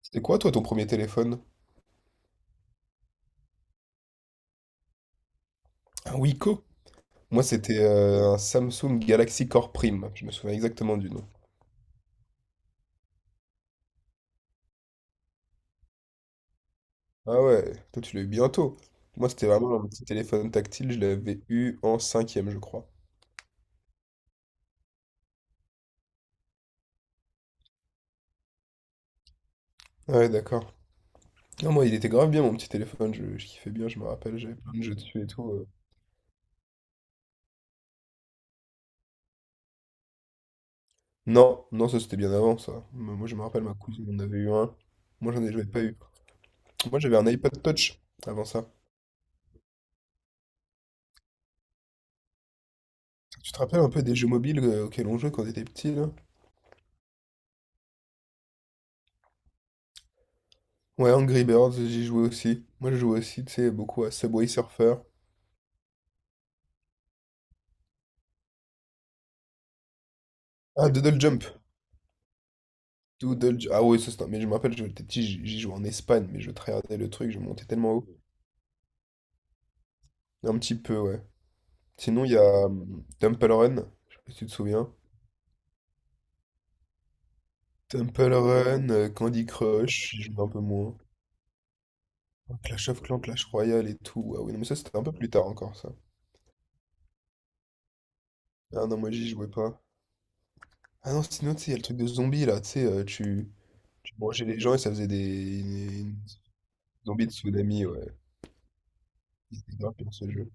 C'est quoi, toi, ton premier téléphone? Un Wiko? Moi, c'était un Samsung Galaxy Core Prime. Je me souviens exactement du nom. Ah ouais, toi, tu l'as eu bientôt. Moi, c'était vraiment un petit téléphone tactile. Je l'avais eu en cinquième, je crois. Ah ouais, d'accord. Non, moi, il était grave bien, mon petit téléphone. Je kiffais bien, je me rappelle. J'avais plein de jeux dessus et tout. Non, non, ça, c'était bien avant, ça. Mais moi, je me rappelle, ma cousine en avait eu un. Moi, j'en ai j'avais pas eu. Moi, j'avais un iPod Touch avant ça. Tu te rappelles un peu des jeux mobiles auxquels on jouait quand on était petit, là? Ouais, Angry Birds, j'y jouais aussi. Moi, je jouais aussi, tu sais, beaucoup à Subway Surfer. Ah, Doodle Jump. Ah ouais, mais je me rappelle, j'étais petit, j'y jouais en Espagne, mais je tryhardais le truc, je montais tellement haut. Un petit peu, ouais. Sinon, il y a Temple Run. Je sais pas si tu te souviens. Temple Run, Candy Crush, j'y jouais un peu moins. Clash of Clans, Clash Royale et tout. Ah oui, non, mais ça, c'était un peu plus tard encore, ça. Ah non, moi, j'y jouais pas. Ah non, sinon, tu sais, il y a le truc de zombie, là, tu sais, tu… tu mangeais les gens et ça faisait des… des zombies de tsunami, ouais. C'était grave bien ce jeu.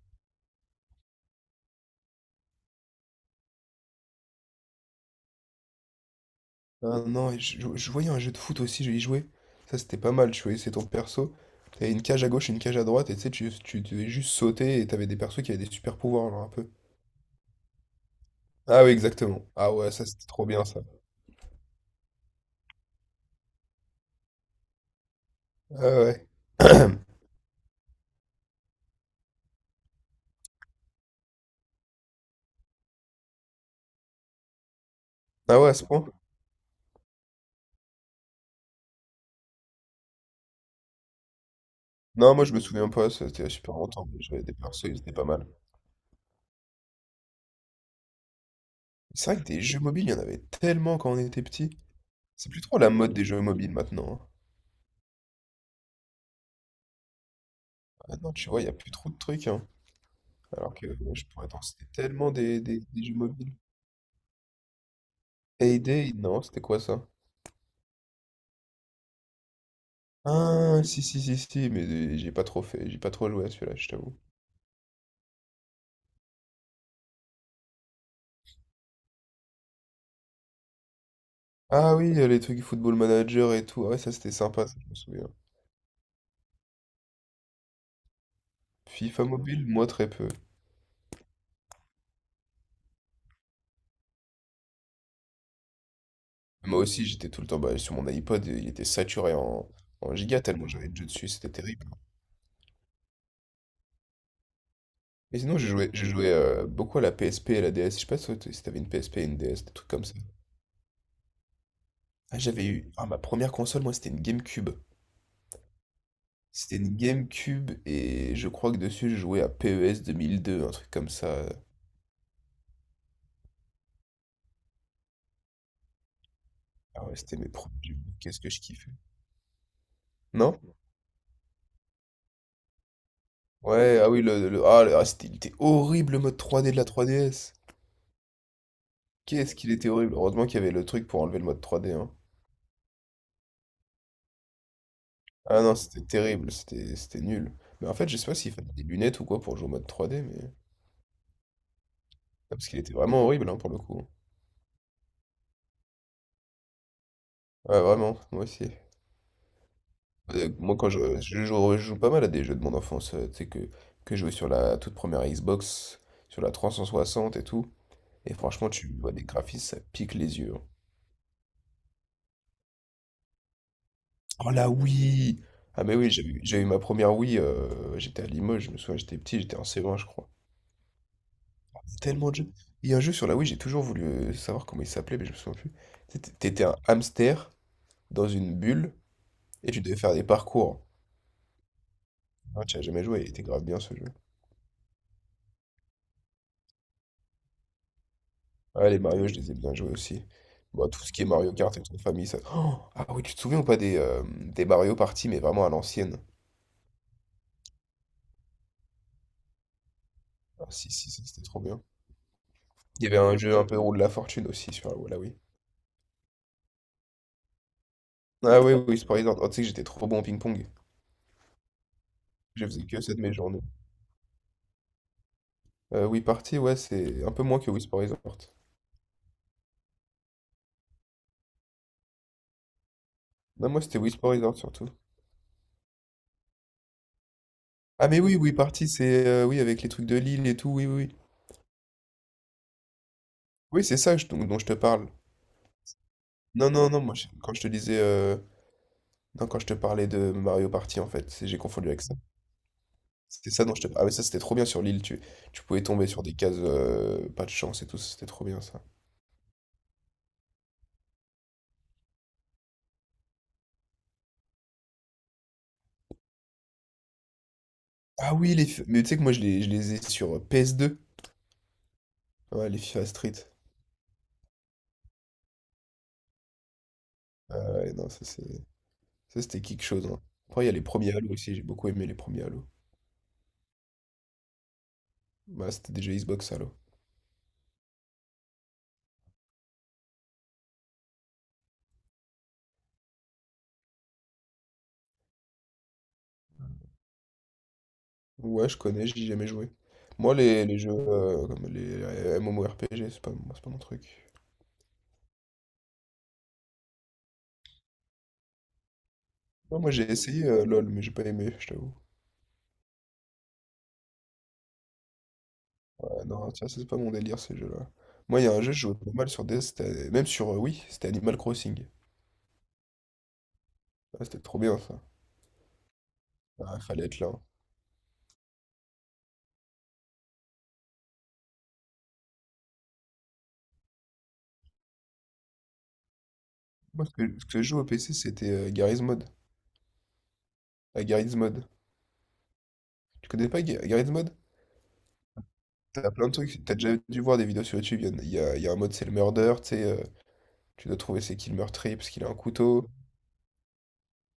Ah non, et je voyais un jeu de foot aussi, je y jouais. Ça c'était pas mal, tu voyais, c'est ton perso. T'avais une cage à gauche, une cage à droite, et tu sais, tu devais juste sauter, et t'avais des persos qui avaient des super pouvoirs, genre un peu. Ah oui, exactement. Ah ouais, ça c'était trop bien ça. Ah ouais. Ah ouais, à ce point? Non, moi je me souviens pas, ça c'était il y a super longtemps, mais j'avais des persos, ils étaient pas mal. C'est vrai que des jeux mobiles, il y en avait tellement quand on était petit. C'est plus trop la mode des jeux mobiles maintenant, hein. Maintenant, tu vois, il y a plus trop de trucs, hein. Alors que, ouais, je pourrais t'en citer tellement des jeux mobiles. Payday? Non, c'était quoi ça? Ah, si, mais j'ai pas trop fait, j'ai pas trop joué à celui-là, je t'avoue. Ah oui, les trucs Football Manager et tout, ah ouais, ça c'était sympa, ça, je me souviens. FIFA mobile, moi très peu. Moi aussi, j'étais tout le temps bah, sur mon iPod, il était saturé en giga tellement j'avais de jeux dessus, c'était terrible. Mais sinon, j'ai joué beaucoup à la PSP et à la DS, je sais pas si si t'avais une PSP et une DS, des trucs comme ça. Ah, j'avais eu, ah, ma première console, moi, c'était une GameCube. C'était une GameCube et je crois que dessus, je jouais à PES 2002, un truc comme ça. Ah ouais, c'était mes premiers jeux vidéo. Qu'est-ce que je kiffais. Non? Ouais, ah oui, il était horrible le mode 3D de la 3DS. Qu'est-ce qu'il était horrible. Heureusement qu'il y avait le truc pour enlever le mode 3D, hein. Ah non, c'était terrible, c'était nul. Mais en fait, je sais pas s'il fallait des lunettes ou quoi pour jouer au mode 3D, mais… Ah, parce qu'il était vraiment horrible, hein, pour le coup. Ouais, vraiment, moi aussi. Moi, quand je joue, je joue pas mal à des jeux de mon enfance, tu sais, que je jouais sur la toute première Xbox, sur la 360 et tout. Et franchement, tu vois des graphismes, ça pique les yeux, hein. Oh la Wii! Ah mais oui, j'ai eu ma première Wii, j'étais à Limoges, je me souviens, j'étais petit, j'étais en C1 je crois. Il y a tellement de jeux. Il y a un jeu sur la Wii, j'ai toujours voulu savoir comment il s'appelait, mais je me souviens plus. C'était t'étais un hamster dans une bulle et tu devais faire des parcours. Ah, tu as jamais joué, il était grave bien ce jeu. Ah les Mario, je les ai bien joués aussi. Bon, tout ce qui est Mario Kart et toute famille, ça. Oh ah oui, tu te souviens ou pas des Mario Party, mais vraiment à l'ancienne. Ah si, ça, c'était trop bien. Il y avait un jeu un peu roue de la fortune aussi sur la Wii. Ah oui, Wii Horizon. Oh, tu sais que j'étais trop bon au ping-pong. Je faisais que ça de mes journées. Wii Party, ouais, c'est un peu moins que Wii Resort. Non, moi, c'était Wii Resort surtout. Ah, mais oui, Wii Party, c'est. Oui, avec les trucs de l'île et tout, oui, c'est ça dont, dont je te parle. Non, non, non, moi, je- quand je te disais. Non, quand je te parlais de Mario Party, en fait, j'ai confondu avec ça. C'était ça dont je te parlais. Ah, mais ça, c'était trop bien sur l'île. Tu pouvais tomber sur des cases, pas de chance et tout, c'était trop bien ça. Ah oui, mais tu sais que moi, je les ai sur PS deux. Ouais, les FIFA Street. Ah ouais, non, ça c'est. Ça, c'était quelque chose, hein. Après, il y a les premiers Halo aussi. J'ai beaucoup aimé les premiers Halo. Bah, c'était déjà Xbox Halo. Ouais, je connais, j'y ai jamais joué. Moi, les jeux comme les MMORPG, c'est pas, moi, c'est pas mon truc. Non, moi, j'ai essayé LoL, mais j'ai pas aimé, je t'avoue. Ouais, non, tiens, c'est pas mon délire, ces jeux-là. Moi, il y a un jeu, je jouais pas mal sur DS, même sur Wii, c'était Animal Crossing. Ah, c'était trop bien, ça. Ah, fallait être là, hein. Moi, ce que je joue au PC, c'était Garry's Mod. À Garry's Mod. Tu connais pas Garry's Mod? T'as plein de trucs, t'as déjà dû voir des vidéos sur YouTube, il y, en a il y a- il y a un mode c'est le murder, tu sais, tu dois trouver c'est qui le meurtrier parce qu'il a un couteau.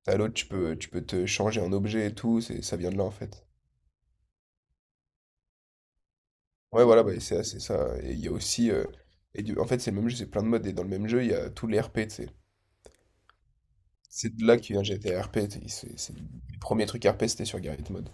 T'as l'autre, tu peux te changer en objet et tout, ça vient de là en fait. Ouais voilà, bah, c'est ça. Et il y a aussi, en fait c'est le même jeu, c'est plein de modes, et dans le même jeu il y a tous les RP, tu sais. C'est de là que vient GTA RP, tu sais, les premiers trucs RP c'était sur Garry's Mod.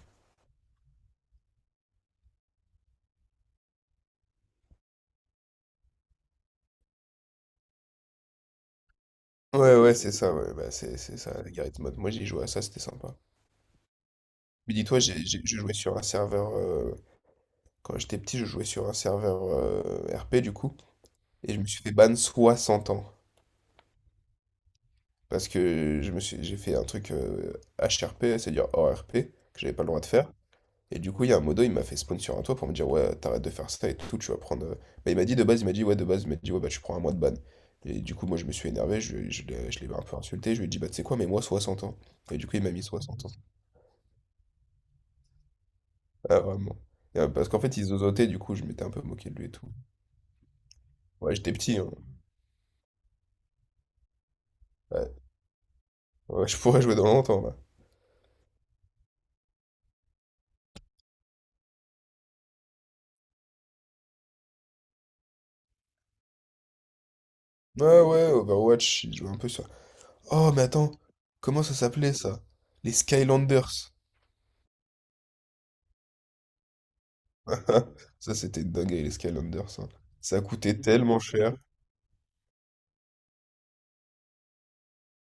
Ouais c'est ça, ouais, bah, c'est ça, Garry's Mod. Moi j'ai joué à ça, c'était sympa. Mais dis-toi, j'ai- je jouais sur un serveur quand j'étais petit, je jouais sur un serveur RP du coup, et je me suis fait ban 60 ans. Parce que j'ai fait un truc HRP, c'est-à-dire hors RP, que j'avais pas le droit de faire. Et du coup, il y a un modo, il m'a fait spawn sur un toit pour me dire, ouais, t'arrêtes de faire ça et tout, tu vas prendre. Bah, il m'a dit de base, il m'a dit, ouais, de base, il m'a dit, ouais, bah, tu prends un mois de ban. Et du coup, moi, je me suis énervé, je, lui ai- je l'ai un peu insulté, je lui ai dit, bah, tu sais quoi, mais moi, 60 ans. Et du coup, il m'a mis 60 ans. Ah, vraiment. Et, parce qu'en fait, il zozotait, du coup, je m'étais un peu moqué de lui et tout. Ouais, j'étais petit, hein. Ouais. Ouais, je pourrais jouer dans longtemps, là. Ouais, Overwatch, il joue un peu ça. Oh, mais attends, comment ça s'appelait ça? Les Skylanders. Ça, c'était une dinguerie, les Skylanders, hein. Ça a coûté tellement cher.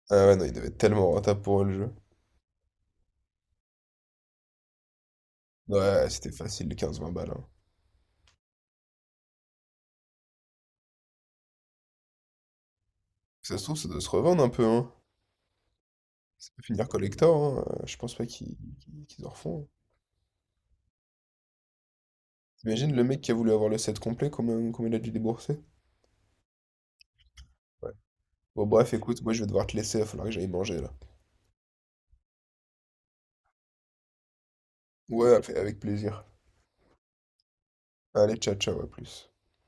Ah ouais, non, il devait être tellement rentable pour eux, le jeu. Ouais, c'était facile, 15 20 balles, hein. Ça se trouve, ça doit se revendre un peu, hein. Ça peut finir collector, hein. Je pense pas qu'ils en refont, hein. T'imagines le mec qui a voulu avoir le set complet, combien il a dû débourser? Ouais. Bon, bref, écoute, moi je vais devoir te laisser, il va falloir que j'aille manger là. Ouais, avec plaisir. Allez, ciao, ciao, à plus.